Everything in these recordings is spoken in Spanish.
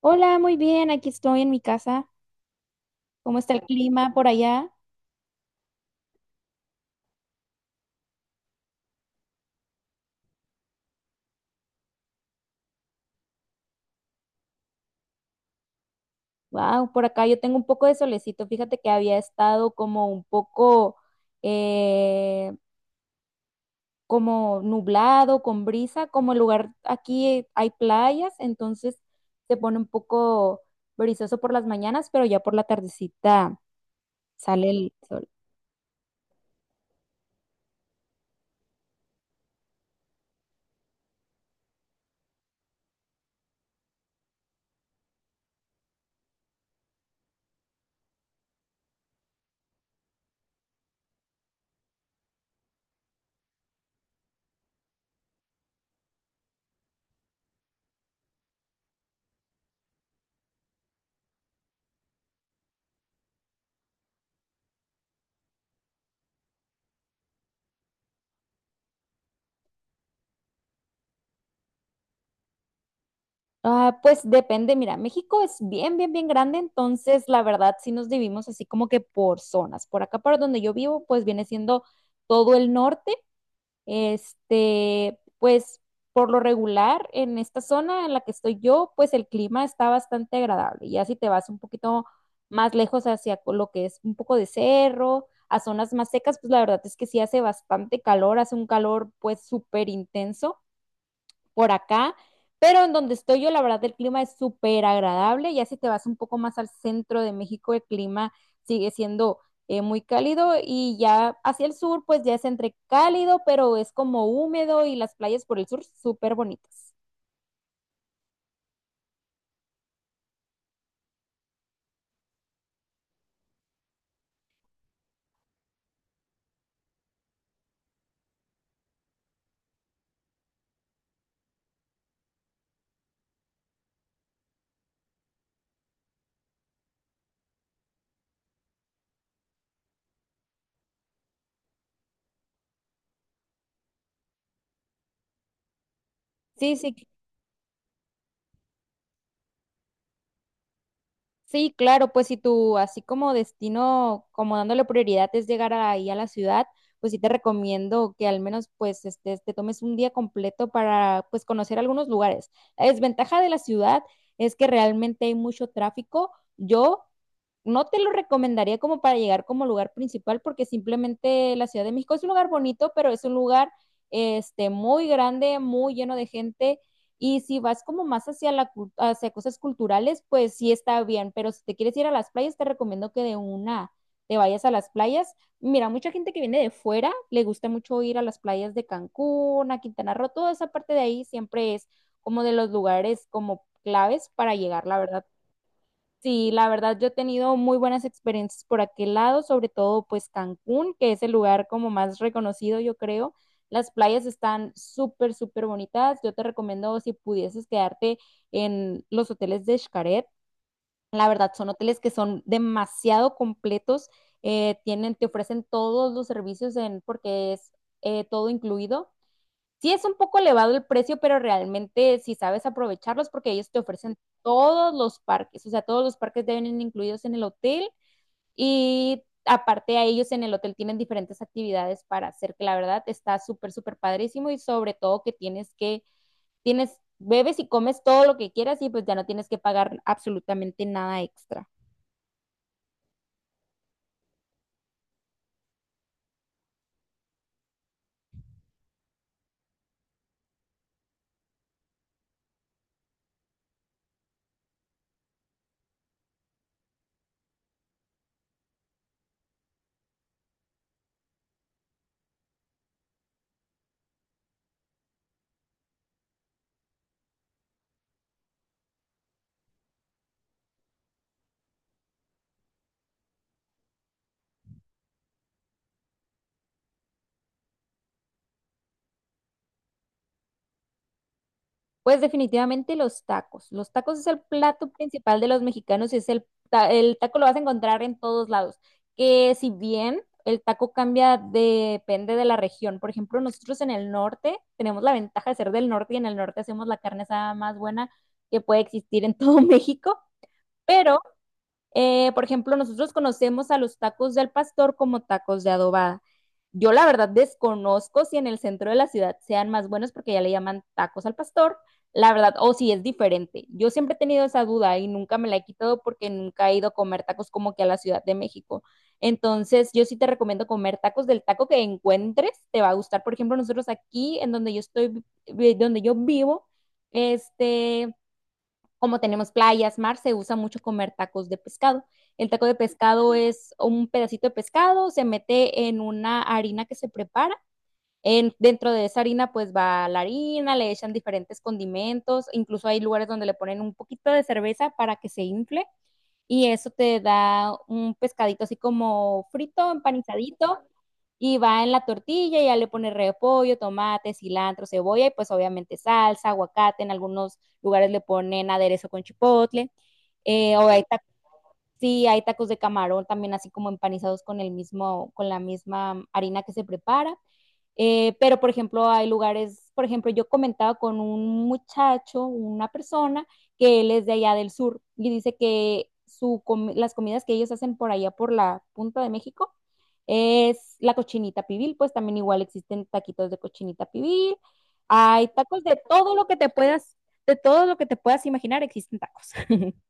Hola, muy bien, aquí estoy en mi casa. ¿Cómo está el clima por allá? Wow, por acá yo tengo un poco de solecito. Fíjate que había estado como un poco eh, como nublado, con brisa, como el lugar aquí hay playas, entonces se pone un poco brisoso por las mañanas, pero ya por la tardecita sale el sol. Ah, pues depende, mira, México es bien, bien, bien grande, entonces la verdad sí nos dividimos así como que por zonas. Por acá, por donde yo vivo, pues viene siendo todo el norte. Este, pues por lo regular, en esta zona en la que estoy yo, pues el clima está bastante agradable. Ya si te vas un poquito más lejos hacia lo que es un poco de cerro, a zonas más secas, pues la verdad es que sí hace bastante calor, hace un calor pues súper intenso por acá, pero en donde estoy yo, la verdad, el clima es súper agradable. Ya si te vas un poco más al centro de México, el clima sigue siendo muy cálido y ya hacia el sur, pues ya es entre cálido, pero es como húmedo y las playas por el sur súper bonitas. Sí, sí, sí, claro, pues si tú así como destino, como dándole prioridad es llegar ahí a la ciudad, pues sí te recomiendo que al menos pues este, te tomes un día completo para pues conocer algunos lugares. La desventaja de la ciudad es que realmente hay mucho tráfico. Yo no te lo recomendaría como para llegar como lugar principal, porque simplemente la Ciudad de México es un lugar bonito, pero es un lugar este, muy grande, muy lleno de gente. Y si vas como más hacia, hacia cosas culturales, pues sí está bien, pero si te quieres ir a las playas, te recomiendo que de una te vayas a las playas. Mira, mucha gente que viene de fuera le gusta mucho ir a las playas de Cancún, a Quintana Roo, toda esa parte de ahí siempre es como de los lugares como claves para llegar, la verdad. Sí, la verdad yo he tenido muy buenas experiencias por aquel lado, sobre todo pues Cancún, que es el lugar como más reconocido, yo creo. Las playas están súper, súper bonitas. Yo te recomiendo si pudieses quedarte en los hoteles de Xcaret. La verdad son hoteles que son demasiado completos, tienen, te ofrecen todos los servicios en, porque es todo incluido. Sí es un poco elevado el precio, pero realmente si sabes aprovecharlos, porque ellos te ofrecen todos los parques, o sea, todos los parques deben ir incluidos en el hotel y aparte a ellos en el hotel tienen diferentes actividades para hacer, que la verdad está súper, súper padrísimo y sobre todo que, tienes, bebes y comes todo lo que quieras y pues ya no tienes que pagar absolutamente nada extra. Pues definitivamente los tacos. Los tacos es el plato principal de los mexicanos y es el, el taco lo vas a encontrar en todos lados. Que si bien el taco cambia depende de la región. Por ejemplo, nosotros en el norte tenemos la ventaja de ser del norte y en el norte hacemos la carne asada más buena que puede existir en todo México, pero por ejemplo, nosotros conocemos a los tacos del pastor como tacos de adobada. Yo la verdad desconozco si en el centro de la ciudad sean más buenos porque ya le llaman tacos al pastor, la verdad, o si es diferente. Yo siempre he tenido esa duda y nunca me la he quitado porque nunca he ido a comer tacos como que a la Ciudad de México. Entonces, yo sí te recomiendo comer tacos del taco que encuentres, te va a gustar. Por ejemplo, nosotros aquí en donde yo estoy, donde yo vivo, este, como tenemos playas, mar, se usa mucho comer tacos de pescado. El taco de pescado es un pedacito de pescado, se mete en una harina que se prepara. En, dentro de esa harina pues va la harina, le echan diferentes condimentos, incluso hay lugares donde le ponen un poquito de cerveza para que se infle y eso te da un pescadito así como frito, empanizadito y va en la tortilla, ya le pone repollo, tomate, cilantro, cebolla y pues obviamente salsa, aguacate, en algunos lugares le ponen aderezo con chipotle, o hay tacos, sí, hay tacos de camarón también así como empanizados con el mismo, con la misma harina que se prepara, pero, por ejemplo, hay lugares, por ejemplo, yo comentaba con un muchacho, una persona, que él es de allá del sur y dice que las comidas que ellos hacen por allá, por la punta de México, es la cochinita pibil, pues también igual existen taquitos de cochinita pibil, hay tacos de todo lo que te puedas, de todo lo que te puedas imaginar, existen tacos.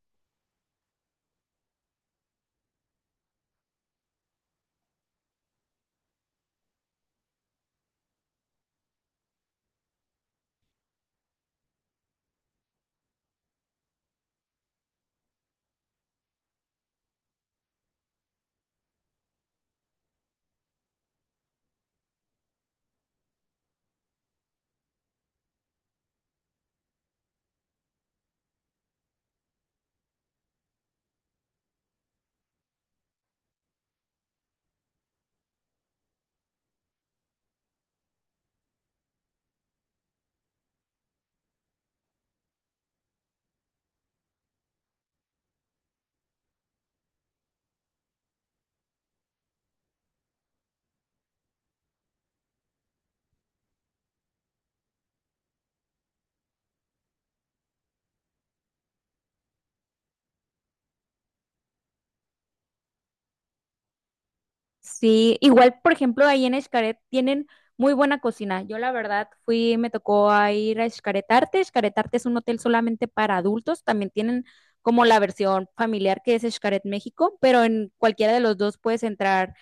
Sí, igual, por ejemplo, ahí en Xcaret tienen muy buena cocina. Yo la verdad fui, me tocó a ir a Xcaret Arte. Xcaret Arte es un hotel solamente para adultos. También tienen como la versión familiar que es Xcaret México, pero en cualquiera de los dos puedes entrar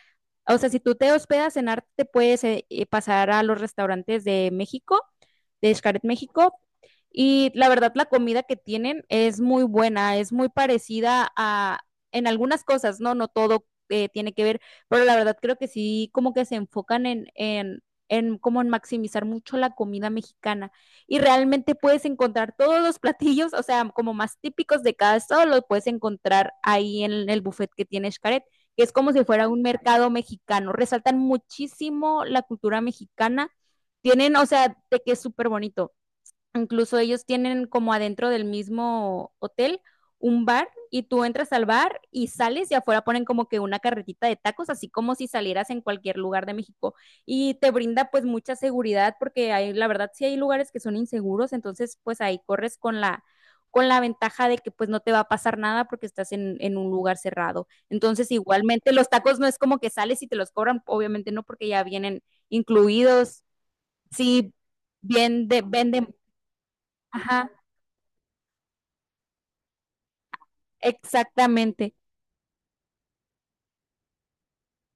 o sea, si tú te hospedas en Arte, te puedes pasar a los restaurantes de México, de Xcaret México, y la verdad, la comida que tienen es muy buena, es muy parecida a, en algunas cosas, ¿no? No todo tiene que ver, pero la verdad creo que sí, como que se enfocan en como en maximizar mucho la comida mexicana. Y realmente puedes encontrar todos los platillos, o sea, como más típicos de cada estado, los puedes encontrar ahí en el buffet que tiene Xcaret que es como si fuera un mercado mexicano. Resaltan muchísimo la cultura mexicana. Tienen, o sea, de que es súper bonito. Incluso ellos tienen como adentro del mismo hotel un bar y tú entras al bar y sales y afuera ponen como que una carretita de tacos, así como si salieras en cualquier lugar de México. Y te brinda pues mucha seguridad porque hay, la verdad sí hay lugares que son inseguros, entonces pues ahí corres con la ventaja de que pues no te va a pasar nada porque estás en un lugar cerrado. Entonces igualmente los tacos no es como que sales y te los cobran, obviamente no porque ya vienen incluidos, sí, bien de, venden, ajá. Exactamente.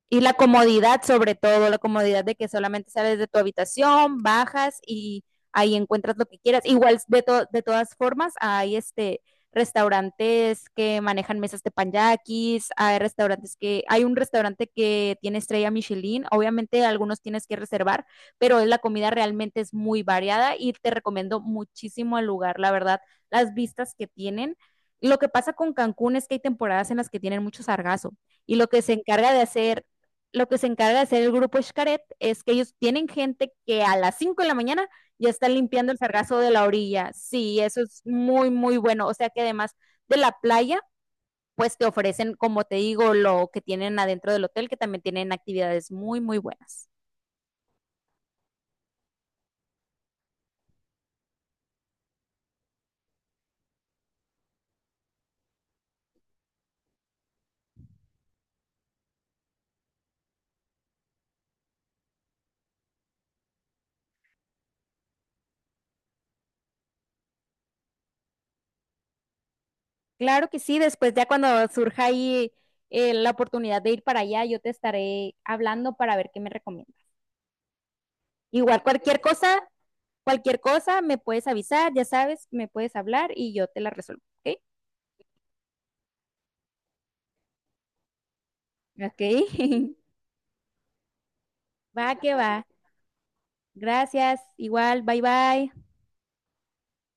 Y la comodidad, sobre todo, la comodidad de que solamente sales de tu habitación, bajas y ahí encuentras lo que quieras. Igual, de todas formas, hay este restaurantes que manejan mesas de teppanyakis, hay un restaurante que tiene estrella Michelin, obviamente algunos tienes que reservar, pero la comida realmente es muy variada y te recomiendo muchísimo el lugar, la verdad, las vistas que tienen. Lo que pasa con Cancún es que hay temporadas en las que tienen mucho sargazo y lo que se encarga de hacer el grupo Xcaret es que ellos tienen gente que a las 5 de la mañana ya está limpiando el sargazo de la orilla. Sí, eso es muy, muy bueno. O sea que además de la playa, pues te ofrecen, como te digo, lo que tienen adentro del hotel, que también tienen actividades muy, muy buenas. Claro que sí, después ya cuando surja ahí la oportunidad de ir para allá, yo te estaré hablando para ver qué me recomiendas. Igual cualquier cosa me puedes avisar, ya sabes, me puedes hablar y yo te la resuelvo, ¿ok? Ok. Va que va. Gracias. Igual. Bye bye.